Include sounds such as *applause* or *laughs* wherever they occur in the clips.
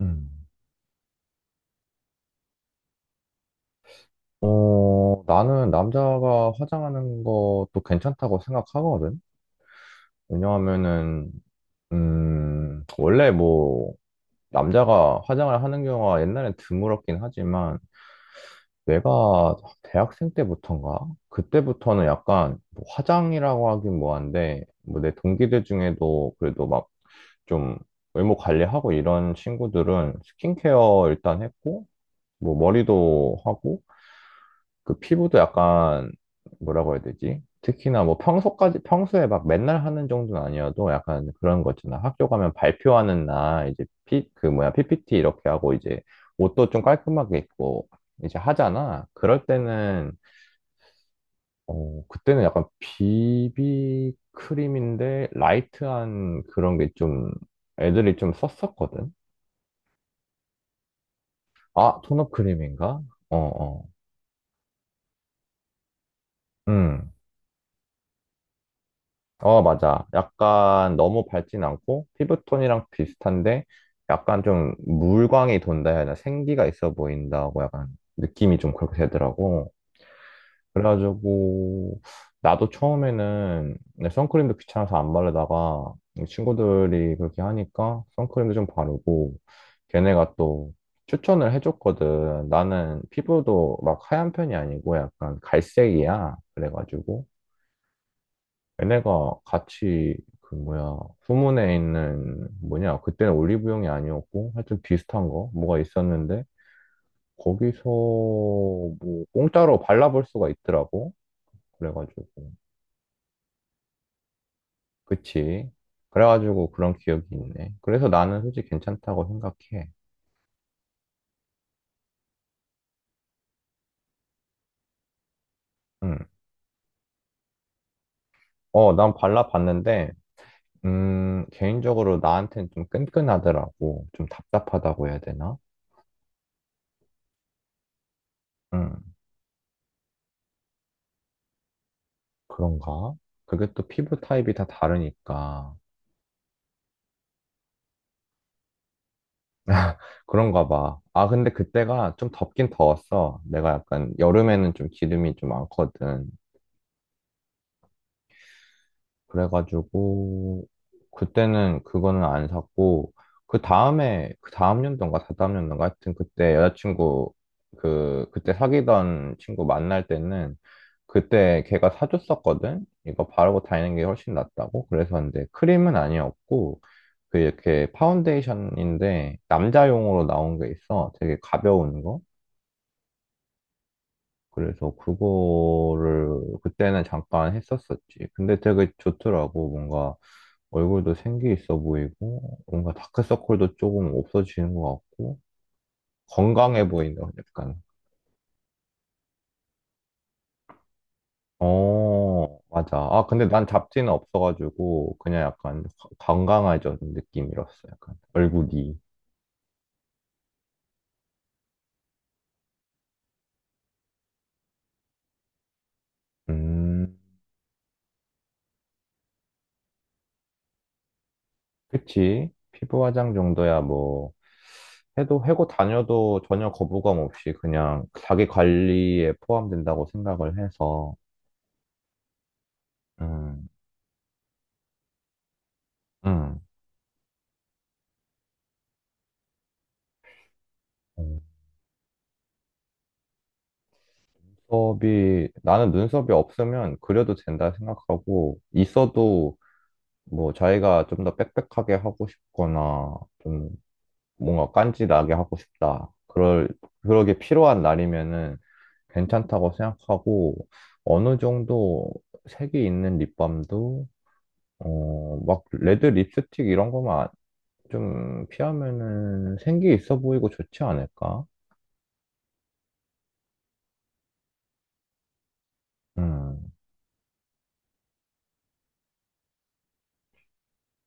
음. 나는 남자가 화장하는 것도 괜찮다고 생각하거든. 왜냐하면은, 음, 원래 뭐, 남자가 화장을 하는 경우가 옛날엔 드물었긴 하지만, 내가 대학생 때부터인가? 그때부터는 약간 뭐 화장이라고 하긴 뭐한데, 뭐 내 동기들 중에도 그래도 막 좀 외모 관리하고 이런 친구들은 스킨케어 일단 했고, 뭐 머리도 하고, 그 피부도 약간 뭐라고 해야 되지? 특히나 뭐 평소까지 평소에 막 맨날 하는 정도는 아니어도 약간 그런 거 있잖아. 학교 가면 발표하는 날 이제 피 그 뭐야 PPT 이렇게 하고 이제 옷도 좀 깔끔하게 입고 이제 하잖아. 그럴 때는 그때는 약간 비비 크림인데 라이트한 그런 게 좀 애들이 좀 썼었거든. 아, 톤업 크림인가? 어, 어. 음. 어, 맞아. 약간 너무 밝진 않고 피부톤이랑 비슷한데 약간 좀 물광이 돈다 해야 하나 생기가 있어 보인다고 약간 느낌이 좀 그렇게 되더라고. 그래가지고 나도 처음에는 내 선크림도 귀찮아서 안 바르다가 이 친구들이 그렇게 하니까 선크림도 좀 바르고 걔네가 또 추천을 해줬거든. 나는 피부도 막 하얀 편이 아니고 약간 갈색이야. 그래가지고 얘네가 같이 그 뭐야 후문에 있는 뭐냐 그때는 올리브영이 아니었고 하여튼 비슷한 거 뭐가 있었는데 거기서 뭐 공짜로 발라볼 수가 있더라고. 그래가지고. 그치. 그래가지고 그런 기억이 있네. 그래서 나는 솔직히 괜찮다고 생각해. 응. 어, 난 발라봤는데 개인적으로 나한텐 좀 끈끈하더라고. 좀 답답하다고 해야 되나. 응. 그런가. 그게 또 피부 타입이 다 다르니까. 그런가 봐. 아, 근데 그때가 좀 덥긴 더웠어. 내가 약간 여름에는 좀 기름이 좀 많거든. 그래가지고 그때는 그거는 안 샀고 그 다음에 그 다음 연도인가 다다음 연도인가 하여튼 그때 여자친구 그 그때 사귀던 친구 만날 때는 그때 걔가 사줬었거든. 이거 바르고 다니는 게 훨씬 낫다고. 그래서 근데 크림은 아니었고 그 이렇게 파운데이션인데 남자용으로 나온 게 있어. 되게 가벼운 거. 그래서 그거를 그때는 잠깐 했었었지. 근데 되게 좋더라고. 뭔가 얼굴도 생기 있어 보이고, 뭔가 다크서클도 조금 없어지는 것 같고, 건강해 보인다. 약간. 어, 맞아. 아, 근데 난 잡티는 없어가지고, 그냥 약간 건강해진 느낌이었어. 약간 얼굴이. 음. 그치. 피부 화장 정도야 뭐. 해도 해고 다녀도 전혀 거부감 없이 그냥 자기 관리에 포함된다고 생각을 해서. 음. 음. 어, 눈썹이, 나는 눈썹이 없으면 그려도 된다 생각하고, 있어도 뭐 자기가 좀 더 빽빽하게 하고 싶거나, 좀 뭔가 깐지나게 하고 싶다. 그러게 필요한 날이면은 괜찮다고 생각하고, 어느 정도 색이 있는 립밤도, 어, 막 레드 립스틱 이런 거만 좀 피하면은 생기 있어 보이고 좋지 않을까? 음.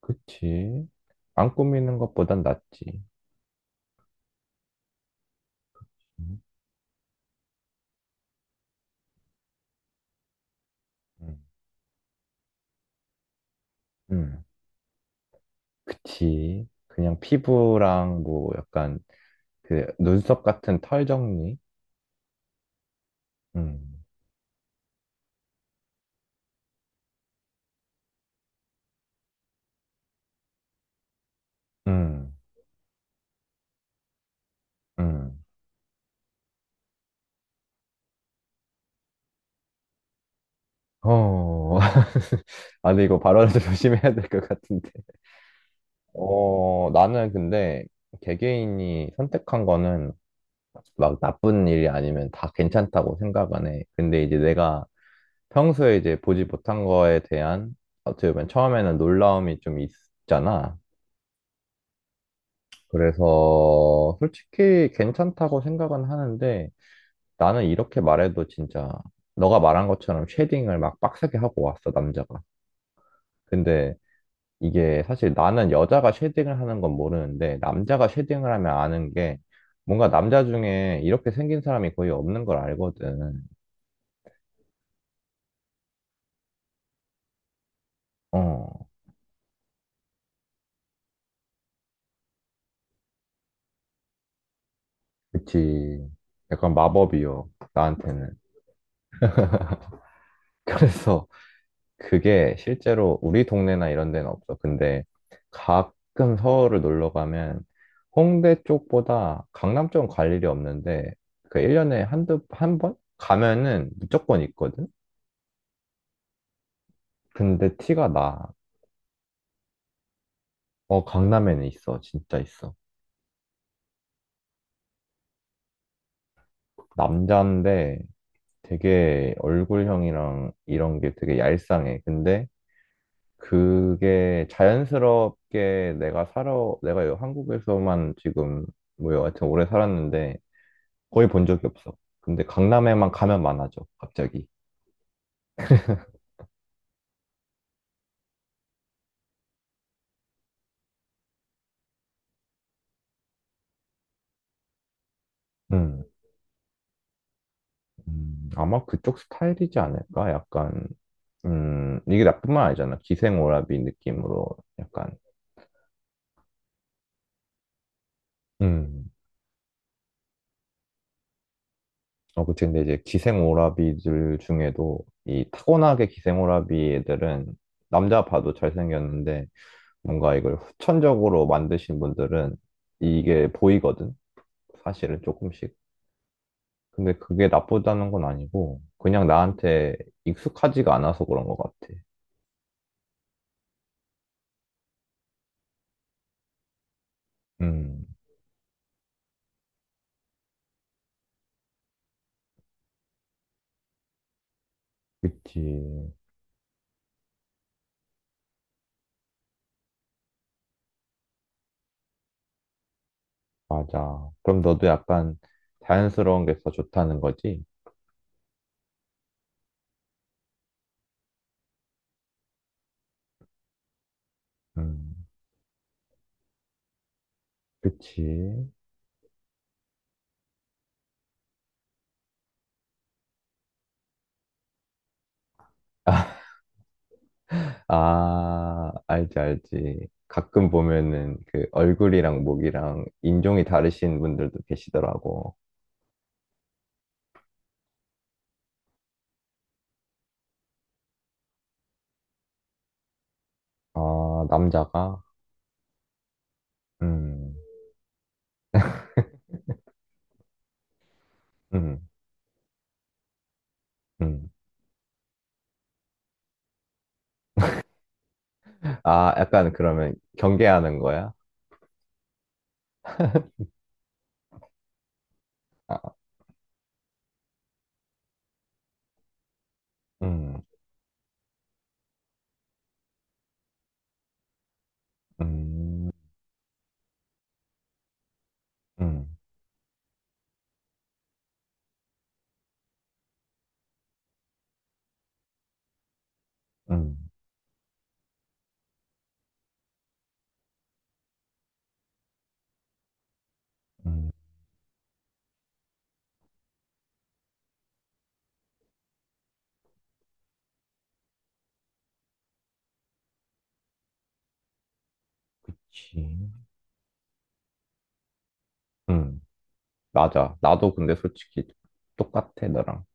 그치. 안 꾸미는 것보단 낫지. 음. 음. 음. 그치. 그냥 피부랑 뭐 약간 그 눈썹 같은 털 정리? 음. 음. 음. 어. *laughs* 아, 근데 이거 발언을 좀 *laughs* 조심해야 될 것 같은데. 어, 나는 근데 개개인이 선택한 거는 막 나쁜 일이 아니면 다 괜찮다고 생각 안 해. 근데 이제 내가 평소에 이제 보지 못한 거에 대한, 어떻게 보면 처음에는 놀라움이 좀 있잖아. 그래서 솔직히 괜찮다고 생각은 하는데 나는 이렇게 말해도 진짜 너가 말한 것처럼 쉐딩을 막 빡세게 하고 왔어, 남자가. 근데 이게 사실 나는 여자가 쉐딩을 하는 건 모르는데 남자가 쉐딩을 하면 아는 게 뭔가 남자 중에 이렇게 생긴 사람이 거의 없는 걸 알거든. 어, 그치. 약간 마법이요, 나한테는. *laughs* 그래서 그게 실제로 우리 동네나 이런 데는 없어. 근데 가끔 서울을 놀러 가면 홍대 쪽보다 강남 쪽은 갈 일이 없는데 그 1년에 한두 한 번 가면은 무조건 있거든. 근데 티가 나. 어, 강남에는 있어. 진짜 있어. 남자인데 되게 얼굴형이랑 이런 게 되게 얄쌍해. 근데 그게 자연스럽게 내가 살아 내가 한국에서만 지금 뭐 여하튼 오래 살았는데 거의 본 적이 없어. 근데 강남에만 가면 많아져, 갑자기. 음. 아마 그쪽 스타일이지 않을까? 약간, 이게 나뿐만 아니잖아. 기생오라비 느낌으로 약간, 음, 어, 그치. 근데 이제 기생오라비들 중에도 이 타고나게 기생오라비 애들은 남자 봐도 잘생겼는데 뭔가 이걸 후천적으로 만드신 분들은 이게 보이거든? 사실은 조금씩. 근데 그게 나쁘다는 건 아니고, 그냥 나한테 익숙하지가 않아서 그런 것 같아. 음. 그치. 맞아. 그럼 너도 약간 자연스러운 게 더 좋다는 거지? 음. 그치. 아, 알지, 알지. 가끔 보면은 그 얼굴이랑 목이랑 인종이 다르신 분들도 계시더라고. 아, 남자가? 음. 음. 음. 아, 약간 그러면 경계하는 거야? *laughs* 아. 음. 음. 음. 음. 음. 그치. 음, 맞아. 나도 근데 솔직히 똑같아, 너랑.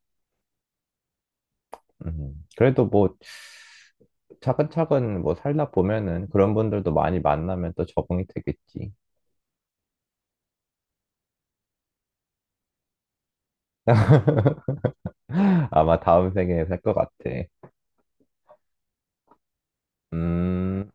그래도 뭐, 차근차근 뭐 살다 보면은 그런 분들도 많이 만나면 또 적응이 되겠지. *laughs* 아마 다음 생에 살 것 같아. 음.